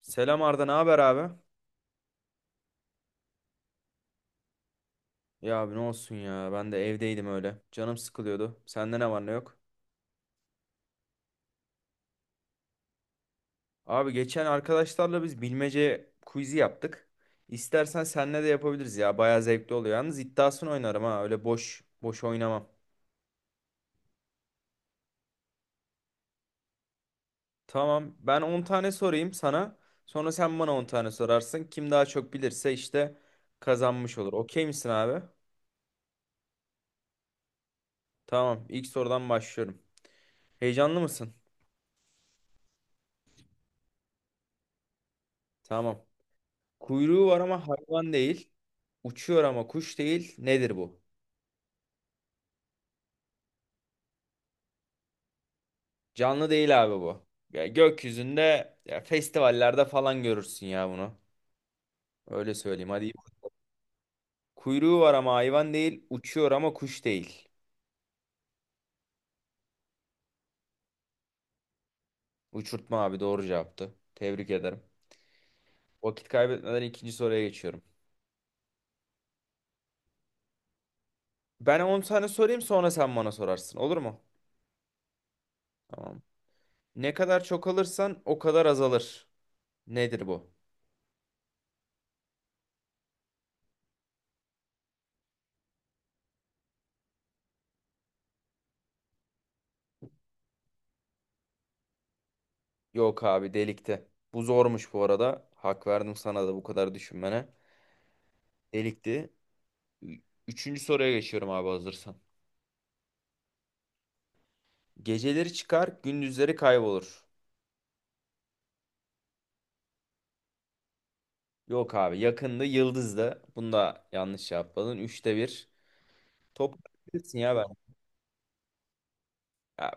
Selam Arda, ne haber abi? Ya abi ne olsun ya, ben de evdeydim öyle. Canım sıkılıyordu. Sende ne var ne yok? Abi geçen arkadaşlarla biz bilmece quiz'i yaptık. İstersen seninle de yapabiliriz ya. Bayağı zevkli oluyor. Yalnız iddiasını oynarım ha. Öyle boş boş oynamam. Tamam. Ben 10 tane sorayım sana. Sonra sen bana 10 tane sorarsın. Kim daha çok bilirse işte kazanmış olur. Okey misin abi? Tamam. İlk sorudan başlıyorum. Heyecanlı mısın? Tamam. Kuyruğu var ama hayvan değil. Uçuyor ama kuş değil. Nedir bu? Canlı değil abi bu. Ya gökyüzünde ya festivallerde falan görürsün ya bunu. Öyle söyleyeyim hadi. Kuyruğu var ama hayvan değil. Uçuyor ama kuş değil. Uçurtma abi doğru cevaptı. Tebrik ederim. Vakit kaybetmeden ikinci soruya geçiyorum. Ben 10 tane sorayım sonra sen bana sorarsın. Olur mu? Tamam. Ne kadar çok alırsan o kadar azalır. Nedir bu? Yok abi delikti. Bu zormuş bu arada. Hak verdim sana da bu kadar düşünmene. Delikti. Ü- Üçüncü soruya geçiyorum abi hazırsan. Geceleri çıkar, gündüzleri kaybolur. Yok abi yakında yıldızda. Bunu da yanlış yapmadın. Üçte bir. Top bilirsin ya ben. Ya,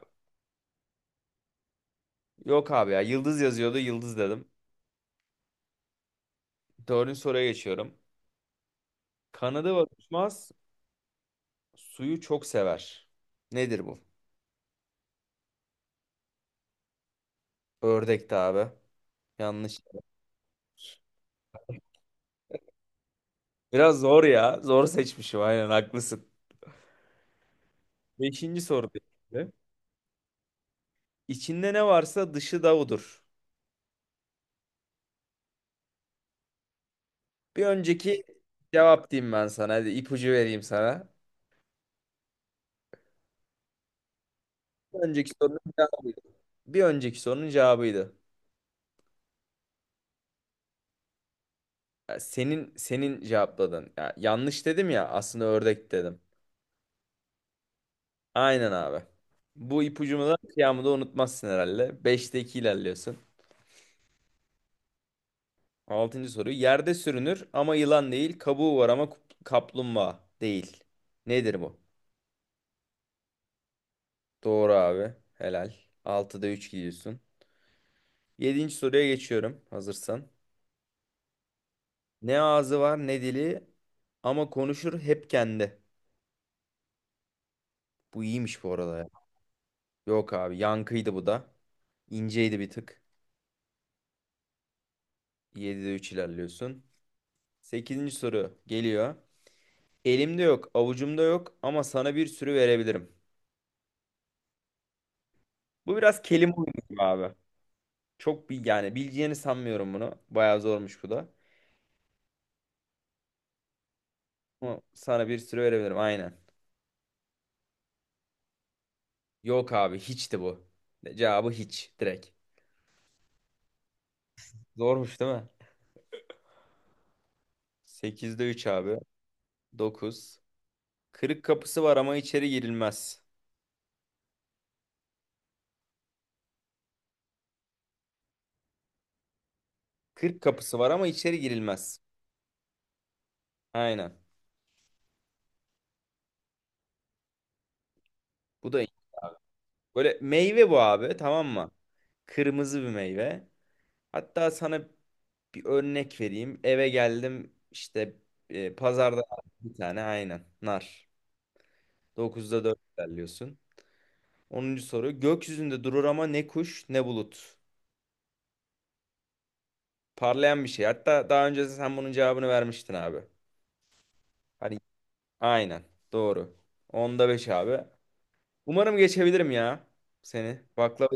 yok abi ya yıldız yazıyordu yıldız dedim. Dördüncü soruya geçiyorum. Kanadı var uçmaz, suyu çok sever. Nedir bu? Ördekti abi. Yanlış. Biraz zor ya. Zor seçmişim, aynen haklısın. Beşinci soru şimdi. İçinde ne varsa dışı da odur. Bir önceki cevap diyeyim ben sana. Hadi ipucu vereyim sana. Bir önceki sorunun cevabıydı. Bir önceki sorunun cevabıydı. Ya, senin cevapladın. Ya yanlış dedim ya, aslında ördek dedim. Aynen abi. Bu ipucumu da kıyamı da unutmazsın herhalde. 5'te 2 ilerliyorsun. Altıncı soru. Yerde sürünür ama yılan değil. Kabuğu var ama kaplumbağa değil. Nedir bu? Doğru abi. Helal. Altıda 3 gidiyorsun. Yedinci soruya geçiyorum hazırsan. Ne ağzı var ne dili ama konuşur hep kendi. Bu iyiymiş bu arada ya. Yok abi yankıydı bu da. İnceydi bir tık. 7'de 3 ilerliyorsun. Sekizinci soru geliyor. Elimde yok, avucumda yok ama sana bir sürü verebilirim. Bu biraz kelime oyunu gibi abi. Çok bir yani bileceğini sanmıyorum bunu. Bayağı zormuş bu da. Ama sana bir sürü verebilirim, aynen. Yok abi hiçti bu. Cevabı hiç direkt. Zormuş değil mi? 8'de 3 abi. 9, Kırık kapısı var ama içeri girilmez. Kırk kapısı var ama içeri girilmez. Aynen. Bu da iyi. Böyle meyve bu abi, tamam mı? Kırmızı bir meyve. Hatta sana bir örnek vereyim. Eve geldim işte, pazarda bir tane, aynen nar. 9'da 4 ilerliyorsun. Onuncu soru. Gökyüzünde durur ama ne kuş ne bulut. Parlayan bir şey. Hatta daha önce sen bunun cevabını vermiştin abi. Hani aynen doğru. 10'da 5 abi. Umarım geçebilirim ya seni. Baklava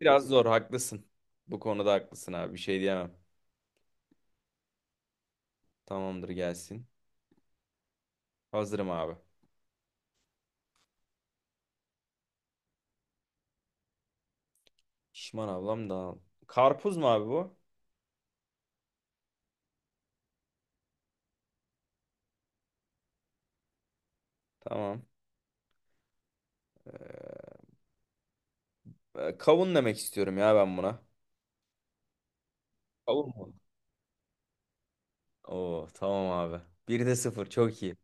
biraz zor, haklısın. Bu konuda haklısın abi, bir şey diyemem. Tamamdır, gelsin. Hazırım abi. Şişman ablam da. Karpuz mu abi bu? Tamam. Kavun demek istiyorum ya ben buna. Kavun mu? Oo tamam abi. Bir de sıfır, çok iyi.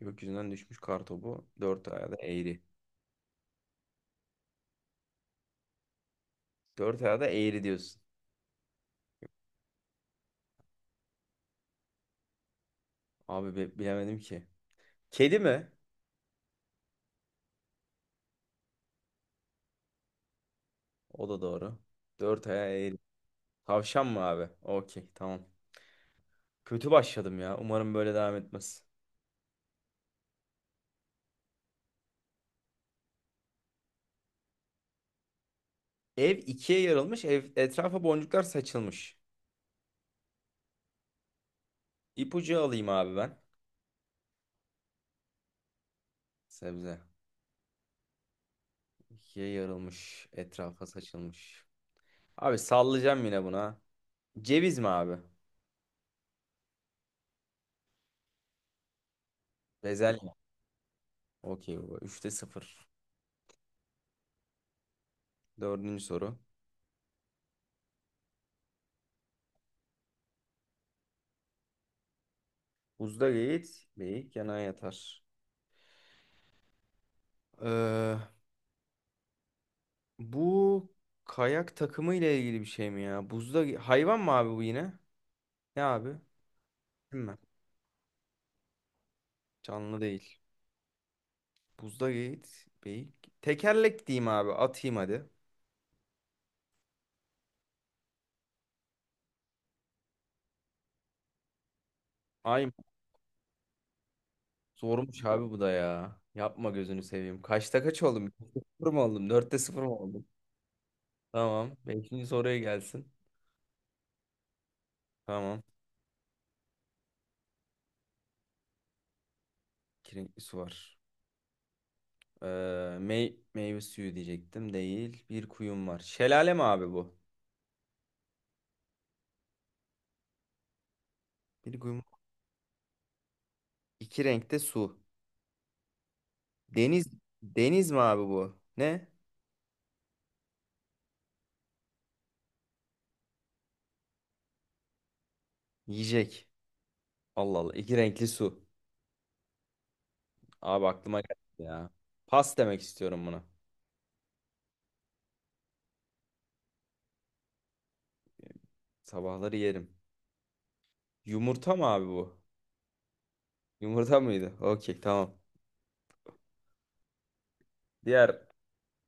Gökyüzünden düşmüş kartopu. Dört ayağı da eğri. Dört ayağı da eğri diyorsun. Abi bilemedim ki. Kedi mi? O da doğru. Dört ayağı eğri. Tavşan mı abi? Okey tamam. Kötü başladım ya. Umarım böyle devam etmez. Ev ikiye yarılmış. Ev etrafa boncuklar saçılmış. İpucu alayım abi ben. Sebze. İkiye yarılmış. Etrafa saçılmış. Abi sallayacağım yine buna. Ceviz mi abi? Bezelye. Okey baba. Üçte sıfır. Dördüncü soru. Buzda geyik, geyik yana yatar. Ee, bu kayak takımı ile ilgili bir şey mi ya? Buzda hayvan mı abi bu yine? Ne abi? Değil mi? Canlı değil. Buzda Yiğit Bey. Tekerlek diyeyim abi. Atayım hadi. Ay, zormuş abi bu da ya. Yapma gözünü seveyim. Kaçta kaç oldum? Beşte sıfır mı oldum? Dörtte sıfır mı oldum? Tamam. Beşinci soruya gelsin. Tamam. İki renkli su var. Meyve suyu diyecektim. Değil. Bir kuyum var. Şelale mi abi bu? Bir kuyum. İki renkte su. Deniz. Deniz mi abi bu? Ne? Yiyecek. Allah Allah. İki renkli su. Abi aklıma geldi ya. Pas demek istiyorum buna. Sabahları yerim. Yumurta mı abi bu? Yumurta mıydı? Okey tamam. Diğer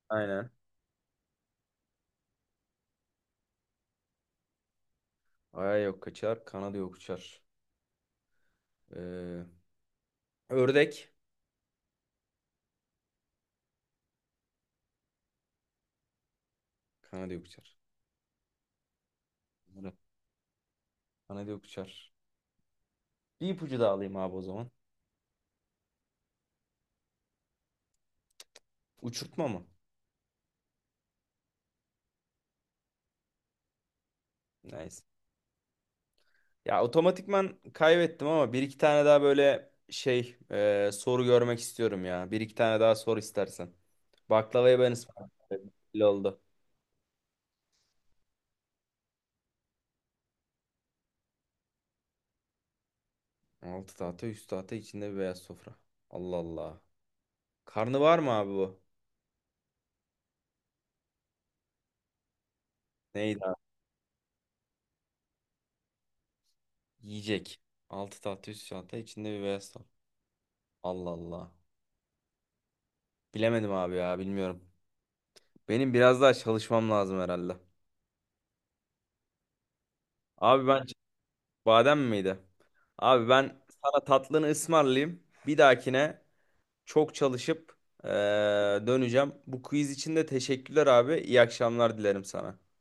aynen. Aya yok kaçar. Kanadı yok uçar. Ee, ördek. Kanadı yok uçar. Bunları- Kanadı yok uçar. Bir ipucu daha alayım abi o zaman. Uçurtma mı? Nice. Ya otomatikman kaybettim ama bir iki tane daha böyle şey, soru görmek istiyorum ya. Bir iki tane daha sor istersen. Baklavayı ben ısmarladım. Belli oldu. Altı tahta üst tahta, içinde bir beyaz sofra. Allah Allah. Karnı var mı abi bu? Neydi abi? Yiyecek. 6 tahta üst çanta, içinde bir beyaz tahta. Allah Allah. Bilemedim abi ya, bilmiyorum. Benim biraz daha çalışmam lazım herhalde. Abi ben badem miydi? Abi ben sana tatlını ısmarlayayım. Bir dahakine çok çalışıp eee, döneceğim. Bu quiz için de teşekkürler abi. İyi akşamlar dilerim sana.